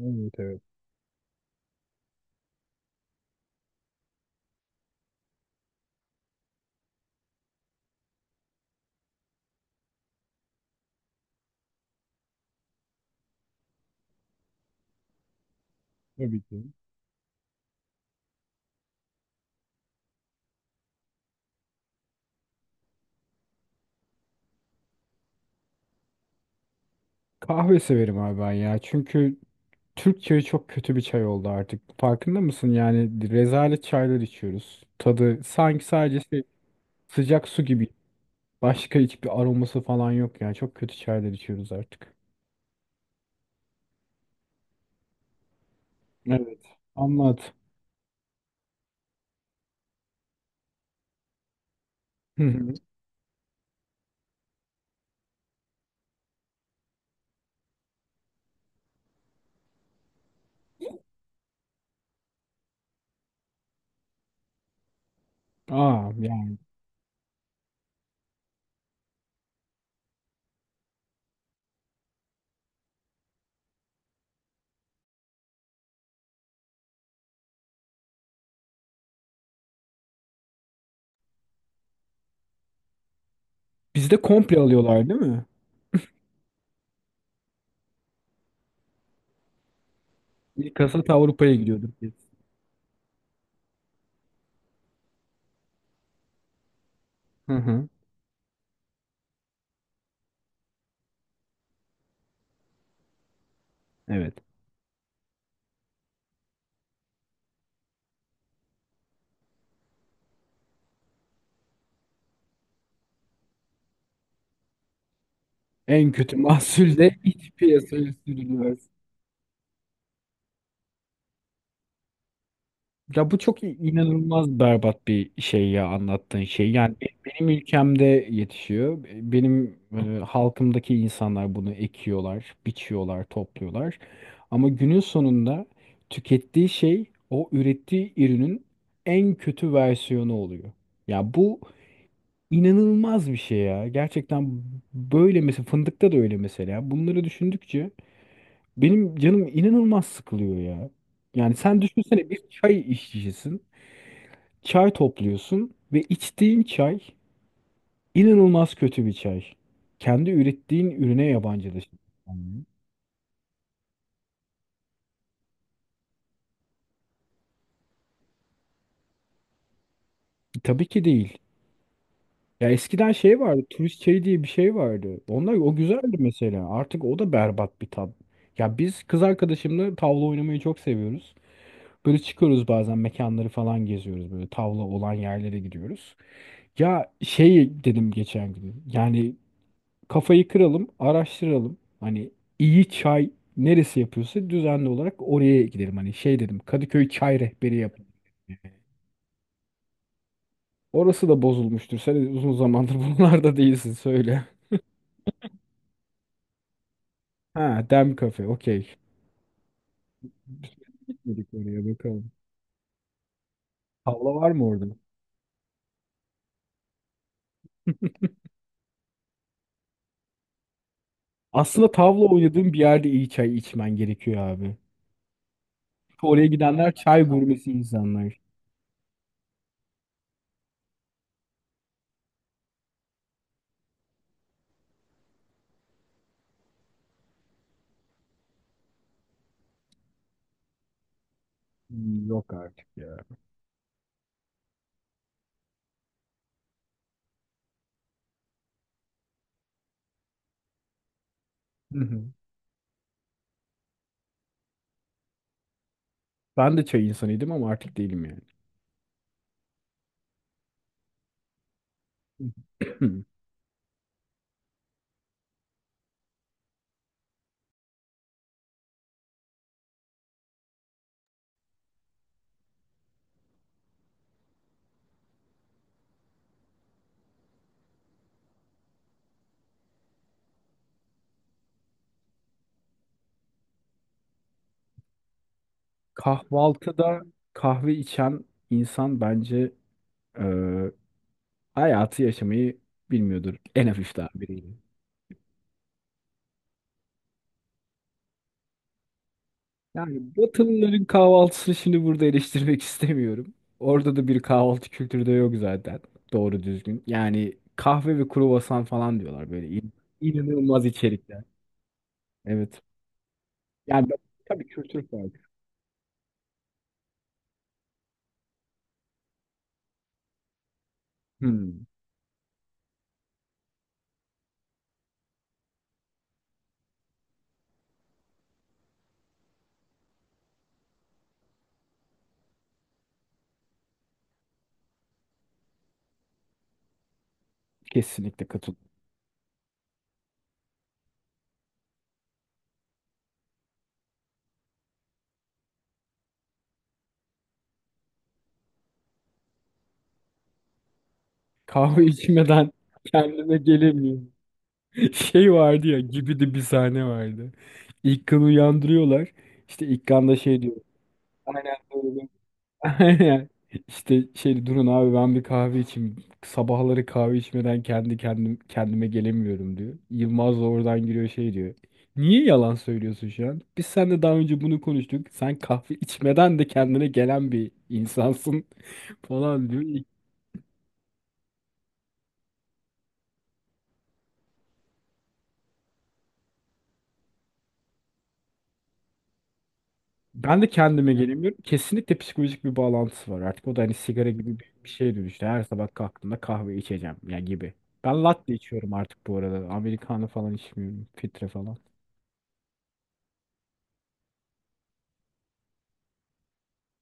Evet evet. Tabii ki. Kahve severim abi ben ya. Çünkü Türk çayı çok kötü bir çay oldu artık. Farkında mısın? Yani rezalet çaylar içiyoruz. Tadı sanki sadece şey, sıcak su gibi. Başka hiçbir aroması falan yok yani. Çok kötü çaylar içiyoruz artık. Evet. Anlat. Hı hı. Aa yani. Bizde komple alıyorlar değil mi? İlk hasat Avrupa'ya gidiyorduk biz. Hı hı. Evet. En kötü mahsul de iç piyasaya sürülüyor. Ya bu çok inanılmaz berbat bir şey ya anlattığın şey. Yani benim ülkemde yetişiyor. Benim halkımdaki insanlar bunu ekiyorlar, biçiyorlar, topluyorlar. Ama günün sonunda tükettiği şey o ürettiği ürünün en kötü versiyonu oluyor. Ya bu inanılmaz bir şey ya. Gerçekten böyle mesela fındıkta da öyle mesela. Bunları düşündükçe benim canım inanılmaz sıkılıyor ya. Yani sen düşünsene bir çay işçisisin. Çay topluyorsun ve içtiğin çay inanılmaz kötü bir çay. Kendi ürettiğin ürüne yabancılaşıyorsun. Tabii ki değil. Ya eskiden şey vardı, turist çayı diye bir şey vardı. Onlar o güzeldi mesela. Artık o da berbat bir tat. Ya biz kız arkadaşımla tavla oynamayı çok seviyoruz. Böyle çıkıyoruz bazen mekanları falan geziyoruz. Böyle tavla olan yerlere gidiyoruz. Ya şey dedim geçen gün. Yani kafayı kıralım, araştıralım. Hani iyi çay neresi yapıyorsa düzenli olarak oraya gidelim. Hani şey dedim Kadıköy çay rehberi yap. Orası da bozulmuştur. Sen uzun zamandır buralarda değilsin söyle. Ha, Dem kafe. Okey. Gitmedik oraya bakalım. Tavla var mı orada? Aslında tavla oynadığın bir yerde iyi çay içmen gerekiyor abi. Oraya gidenler çay gurmesi insanlar. Hmm, yok artık ya. Hı hı. Ben de çay insanıydım ama artık değilim yani. Kahvaltıda kahve içen insan bence e, hayatı yaşamayı bilmiyordur en hafiften biriyle. Yani Batılıların kahvaltısını şimdi burada eleştirmek istemiyorum. Orada da bir kahvaltı kültürü de yok zaten doğru düzgün. Yani kahve ve kruvasan falan diyorlar böyle inanılmaz içerikler. Evet. Yani ben, tabii kültür farkı. Hmm, kesinlikle katılıyorum. Kahve içmeden kendime gelemiyorum. Şey vardı ya gibi de bir sahne vardı. İlkan'ı uyandırıyorlar. İşte İlkan da şey diyor. Aynen öyle. Aynen. İşte şey durun abi ben bir kahve içeyim. Sabahları kahve içmeden kendi kendime gelemiyorum diyor. Yılmaz da oradan giriyor şey diyor. Niye yalan söylüyorsun şu an? Biz seninle daha önce bunu konuştuk. Sen kahve içmeden de kendine gelen bir insansın falan diyor. Ben de kendime gelemiyorum. Kesinlikle psikolojik bir bağlantısı var. Artık o da hani sigara gibi bir şeye dönüştü. Her sabah kalktığımda kahve içeceğim ya gibi. Ben latte içiyorum artık bu arada. Americano falan içmiyorum. Filtre falan.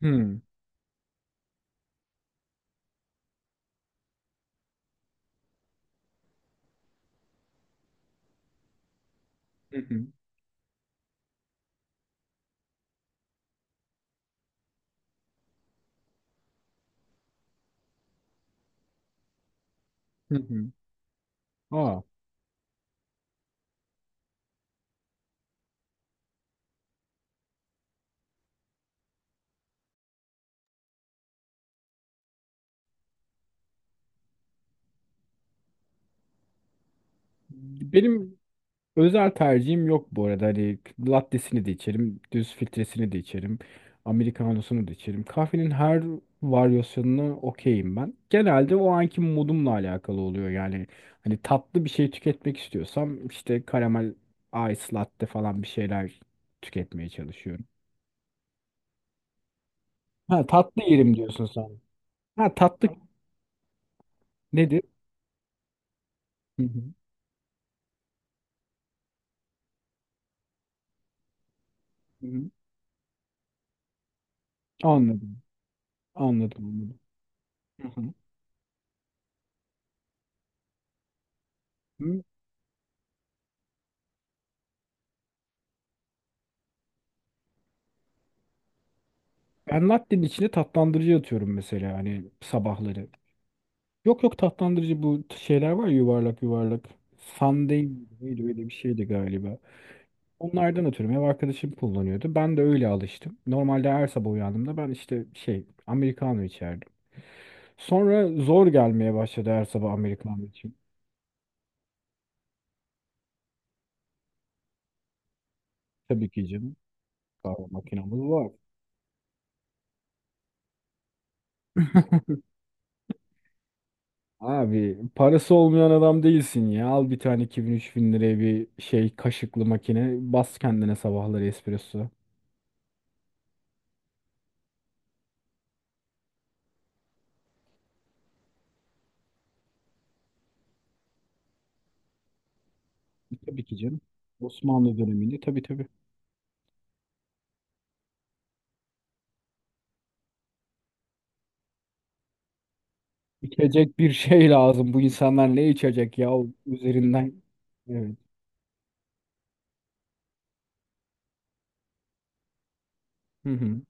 Hmm. Hı hı. Hı hı. Aa. Benim özel tercihim yok bu arada. Hani lattesini de içerim, düz filtresini de içerim, americanosunu da içerim. Kahvenin her varyasyonuna okeyim ben. Genelde o anki modumla alakalı oluyor. Yani hani tatlı bir şey tüketmek istiyorsam işte karamel ice latte falan bir şeyler tüketmeye çalışıyorum. Ha tatlı yerim diyorsun sen. Ha tatlı nedir? Hı hı. Hı hı. Anladım. Anladım. Hı hı. Hı. Ben latte'nin içine tatlandırıcı atıyorum mesela hani sabahları. Yok yok tatlandırıcı bu şeyler var ya, yuvarlak yuvarlak. Sunday miydi neydi, öyle bir şeydi galiba. Onlardan ötürü ev arkadaşım kullanıyordu. Ben de öyle alıştım. Normalde her sabah uyandığımda ben işte şey Americano içerdim. Sonra zor gelmeye başladı her sabah Americano için. Tabii ki canım, kahve makinamız var. Abi parası olmayan adam değilsin ya. Al bir tane 2.000-3.000 liraya bir şey kaşıklı makine. Bas kendine sabahları espresso. Tabii ki canım. Osmanlı döneminde tabii tabii. İçecek bir şey lazım. Bu insanlar ne içecek ya? O üzerinden. Evet. Hı hı.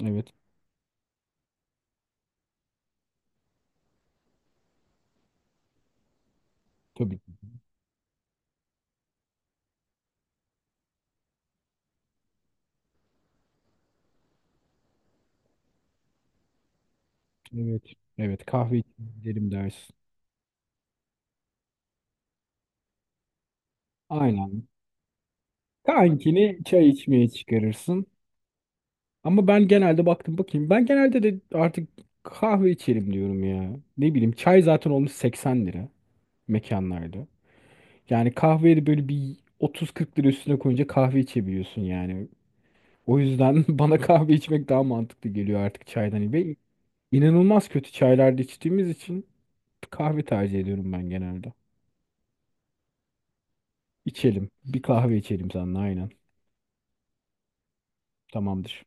Evet. Tabii ki. Evet. Evet. Kahve içelim dersin. Aynen. Kankini çay içmeye çıkarırsın. Ama ben genelde baktım bakayım. Ben genelde de artık kahve içelim diyorum ya. Ne bileyim çay zaten olmuş 80 lira mekanlarda. Yani kahveye de böyle bir 30-40 lira üstüne koyunca kahve içebiliyorsun yani. O yüzden bana kahve içmek daha mantıklı geliyor artık çaydan. Ve İnanılmaz kötü çaylarda içtiğimiz için kahve tercih ediyorum ben genelde. İçelim. Bir kahve içelim seninle aynen. Tamamdır.